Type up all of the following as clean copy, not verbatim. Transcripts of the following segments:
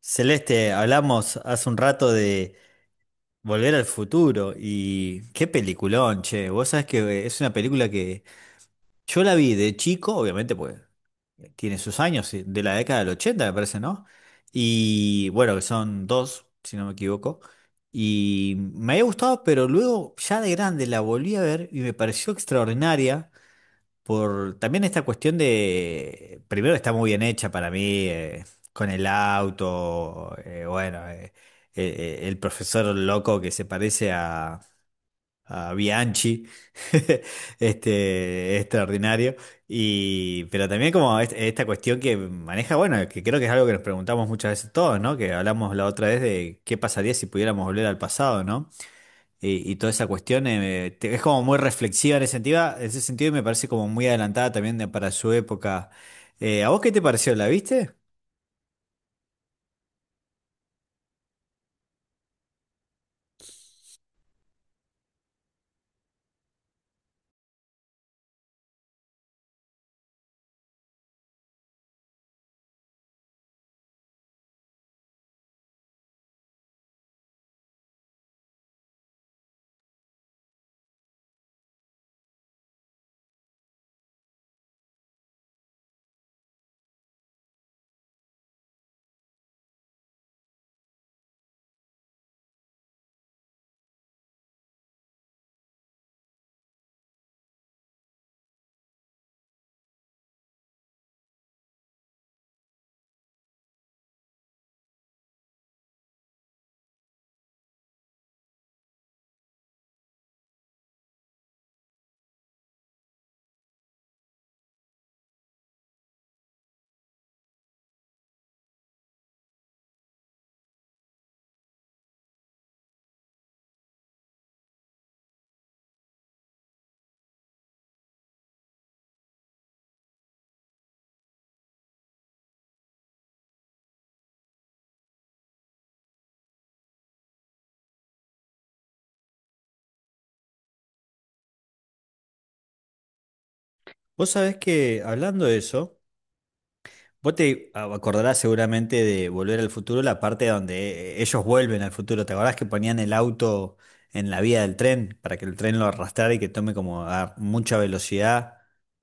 Celeste, hablamos hace un rato de Volver al Futuro y qué peliculón, che. Vos sabés que es una película que yo la vi de chico, obviamente, pues tiene sus años, sí, de la década del 80, me parece, ¿no? Y bueno, que son dos, si no me equivoco. Y me había gustado, pero luego ya de grande la volví a ver y me pareció extraordinaria. Por también esta cuestión de, primero está muy bien hecha para mí, con el auto, bueno, eh, el profesor loco que se parece a Bianchi, este, extraordinario, y, pero también como esta cuestión que maneja, bueno, que creo que es algo que nos preguntamos muchas veces todos, ¿no? Que hablamos la otra vez de qué pasaría si pudiéramos volver al pasado, ¿no? Y toda esa cuestión es como muy reflexiva en ese sentido, en ese sentido y me parece como muy adelantada también para su época. ¿A vos qué te pareció? ¿La viste? Vos sabés que hablando de eso. Vos te acordarás seguramente de Volver al Futuro, la parte donde ellos vuelven al futuro. ¿Te acordás que ponían el auto en la vía del tren para que el tren lo arrastrara y que tome como a mucha velocidad?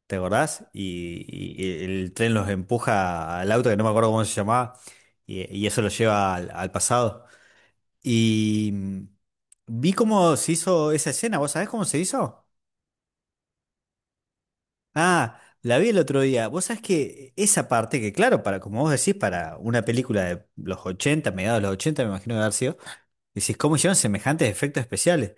¿Te acordás? Y el tren los empuja al auto, que no me acuerdo cómo se llamaba, y eso los lleva al, al pasado. Y mm, vi cómo se hizo esa escena. ¿Vos sabés cómo se hizo? Ah, la vi el otro día. Vos sabés que esa parte, que claro, para como vos decís, para una película de los 80, mediados de los 80, me imagino de haber sido, decís, ¿cómo hicieron semejantes efectos especiales?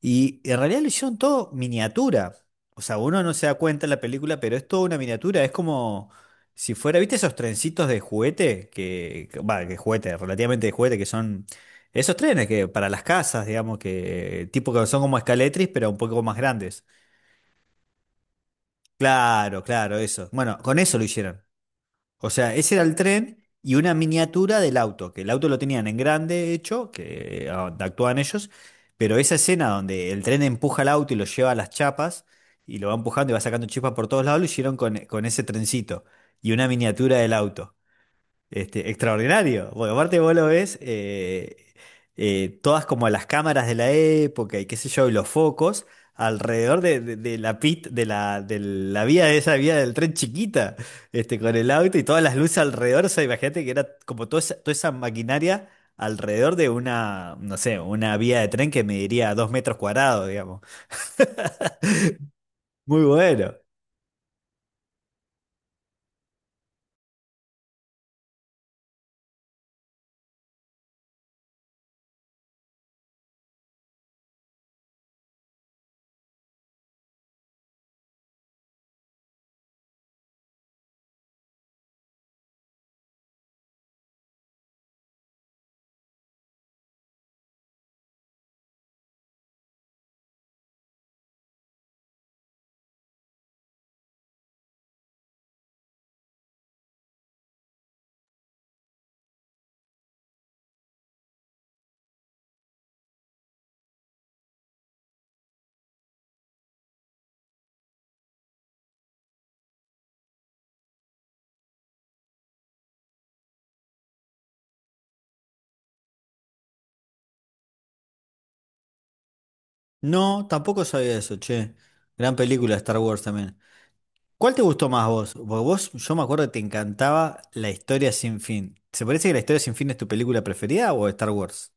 Y en realidad lo hicieron todo miniatura. O sea, uno no se da cuenta en la película, pero es toda una miniatura. Es como si fuera, ¿viste esos trencitos de juguete? Que, va, que juguete, relativamente de juguete, que son esos trenes que para las casas, digamos, que tipo que son como escaletris, pero un poco más grandes. Claro, claro, eso. Bueno, con eso lo hicieron. O sea, ese era el tren y una miniatura del auto, que el auto lo tenían en grande hecho, que actuaban ellos, pero esa escena donde el tren empuja el auto y lo lleva a las chapas y lo va empujando y va sacando chispas por todos lados, lo hicieron con ese trencito y una miniatura del auto. Este, extraordinario. Porque aparte vos lo ves, todas como las cámaras de la época y qué sé yo, y los focos alrededor de, de la de la, de la vía de esa vía del tren chiquita, este, con el auto y todas las luces alrededor. O sea, imagínate que era como toda esa maquinaria alrededor de una, no sé, una vía de tren que mediría dos metros cuadrados, digamos. Muy bueno. No, tampoco sabía eso, che. Gran película Star Wars también. ¿Cuál te gustó más vos? Porque vos, yo me acuerdo que te encantaba La Historia Sin Fin. ¿Se parece que La Historia Sin Fin es tu película preferida o Star Wars?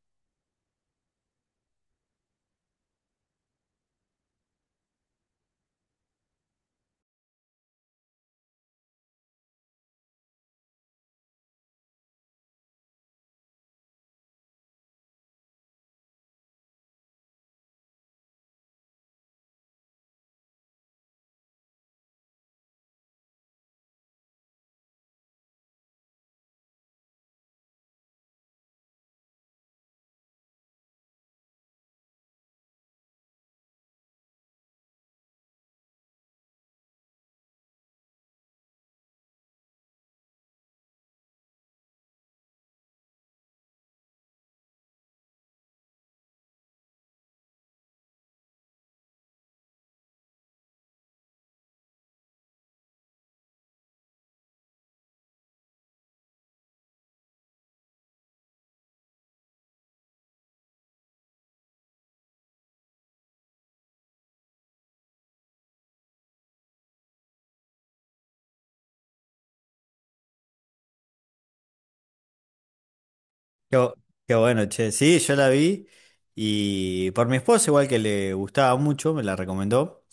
Qué, qué bueno, che. Sí, yo la vi y por mi esposa, igual que le gustaba mucho, me la recomendó.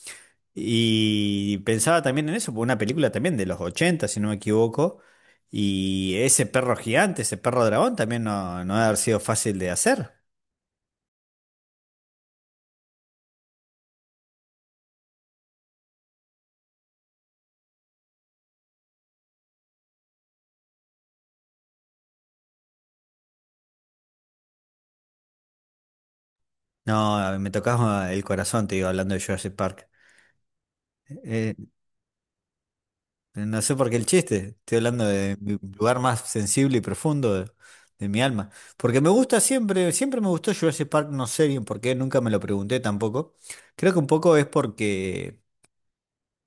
Y pensaba también en eso, por una película también de los 80 si no me equivoco. Y ese perro gigante, ese perro dragón, también no, no debe haber sido fácil de hacer. No, me tocaba el corazón, te digo, hablando de Jurassic Park. Eh, No sé por qué el chiste. Estoy hablando de mi lugar más sensible y profundo de mi alma. Porque me gusta siempre, siempre me gustó Jurassic Park, no sé bien por qué, nunca me lo pregunté tampoco. Creo que un poco es porque,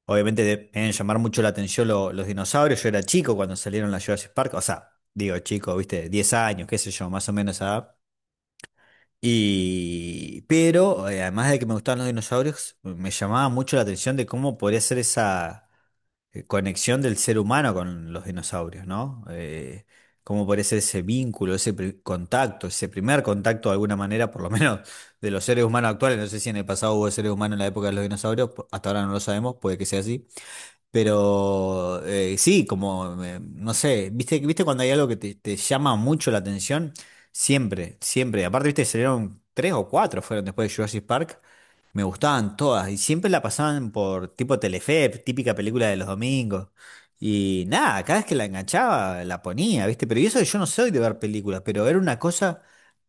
obviamente, deben llamar mucho la atención los dinosaurios. Yo era chico cuando salieron las Jurassic Park. O sea, digo chico, viste, 10 años, qué sé yo, más o menos esa edad. Y, pero, además de que me gustaban los dinosaurios, me llamaba mucho la atención de cómo podría ser esa conexión del ser humano con los dinosaurios, ¿no? Cómo parece ese vínculo, contacto, ese primer contacto de alguna manera, por lo menos de los seres humanos actuales. No sé si en el pasado hubo seres humanos en la época de los dinosaurios, hasta ahora no lo sabemos, puede que sea así. Pero sí, como, no sé, ¿viste cuando hay algo que te llama mucho la atención? Siempre, siempre. Aparte, viste, salieron tres o cuatro, fueron después de Jurassic Park. Me gustaban todas y siempre la pasaban por tipo Telefe, típica película de los domingos. Y nada, cada vez que la enganchaba, la ponía, ¿viste? Pero y eso que yo no soy de ver películas, pero era una cosa,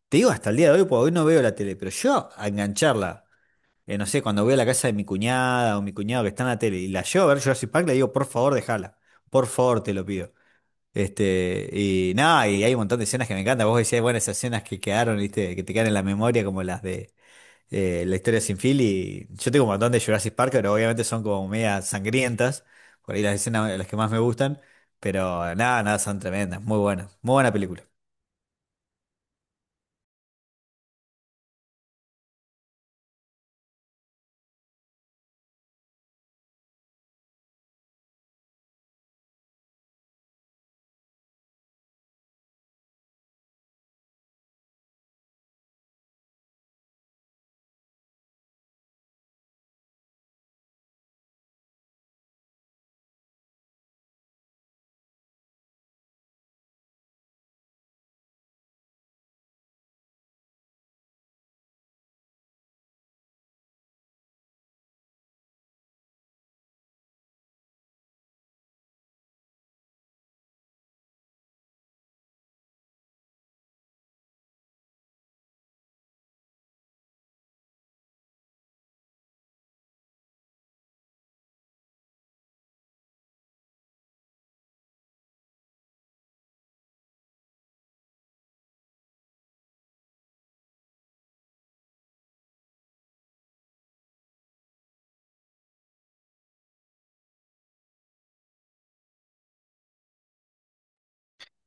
te digo, hasta el día de hoy, porque hoy no veo la tele, pero yo a engancharla no sé, cuando voy a la casa de mi cuñada o mi cuñado que está en la tele y la llevo a ver Jurassic Park, le digo, por favor, déjala. Por favor, te lo pido. Este, y nada, y hay un montón de escenas que me encantan. Vos decías, bueno, esas escenas que quedaron, ¿viste? Que te quedan en la memoria, como las de La historia sin fin. Y yo tengo un montón de Jurassic Park, pero obviamente son como media sangrientas. Por ahí las escenas las que más me gustan. Pero nada, nada, son tremendas. Muy buenas. Muy buena película.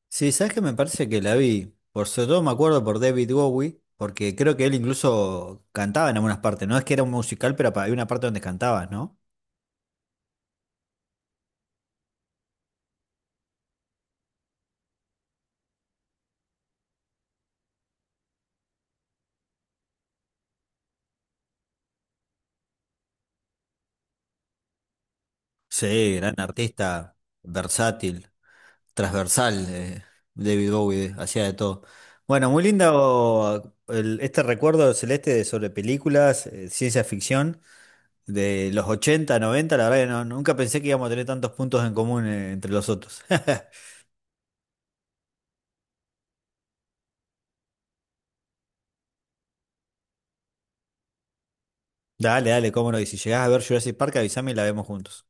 Sí, sabes que me parece que la vi, por sobre todo me acuerdo por David Bowie, porque creo que él incluso cantaba en algunas partes, no es que era un musical, pero había una parte donde cantaba, ¿no? Sí, gran artista, versátil, transversal, David Bowie, hacía de todo. Bueno, muy lindo este recuerdo celeste sobre películas, ciencia ficción, de los 80, 90. La verdad que nunca pensé que íbamos a tener tantos puntos en común, entre los otros. Dale, dale, cómo no, y si llegás a ver Jurassic Park, avísame y la vemos juntos.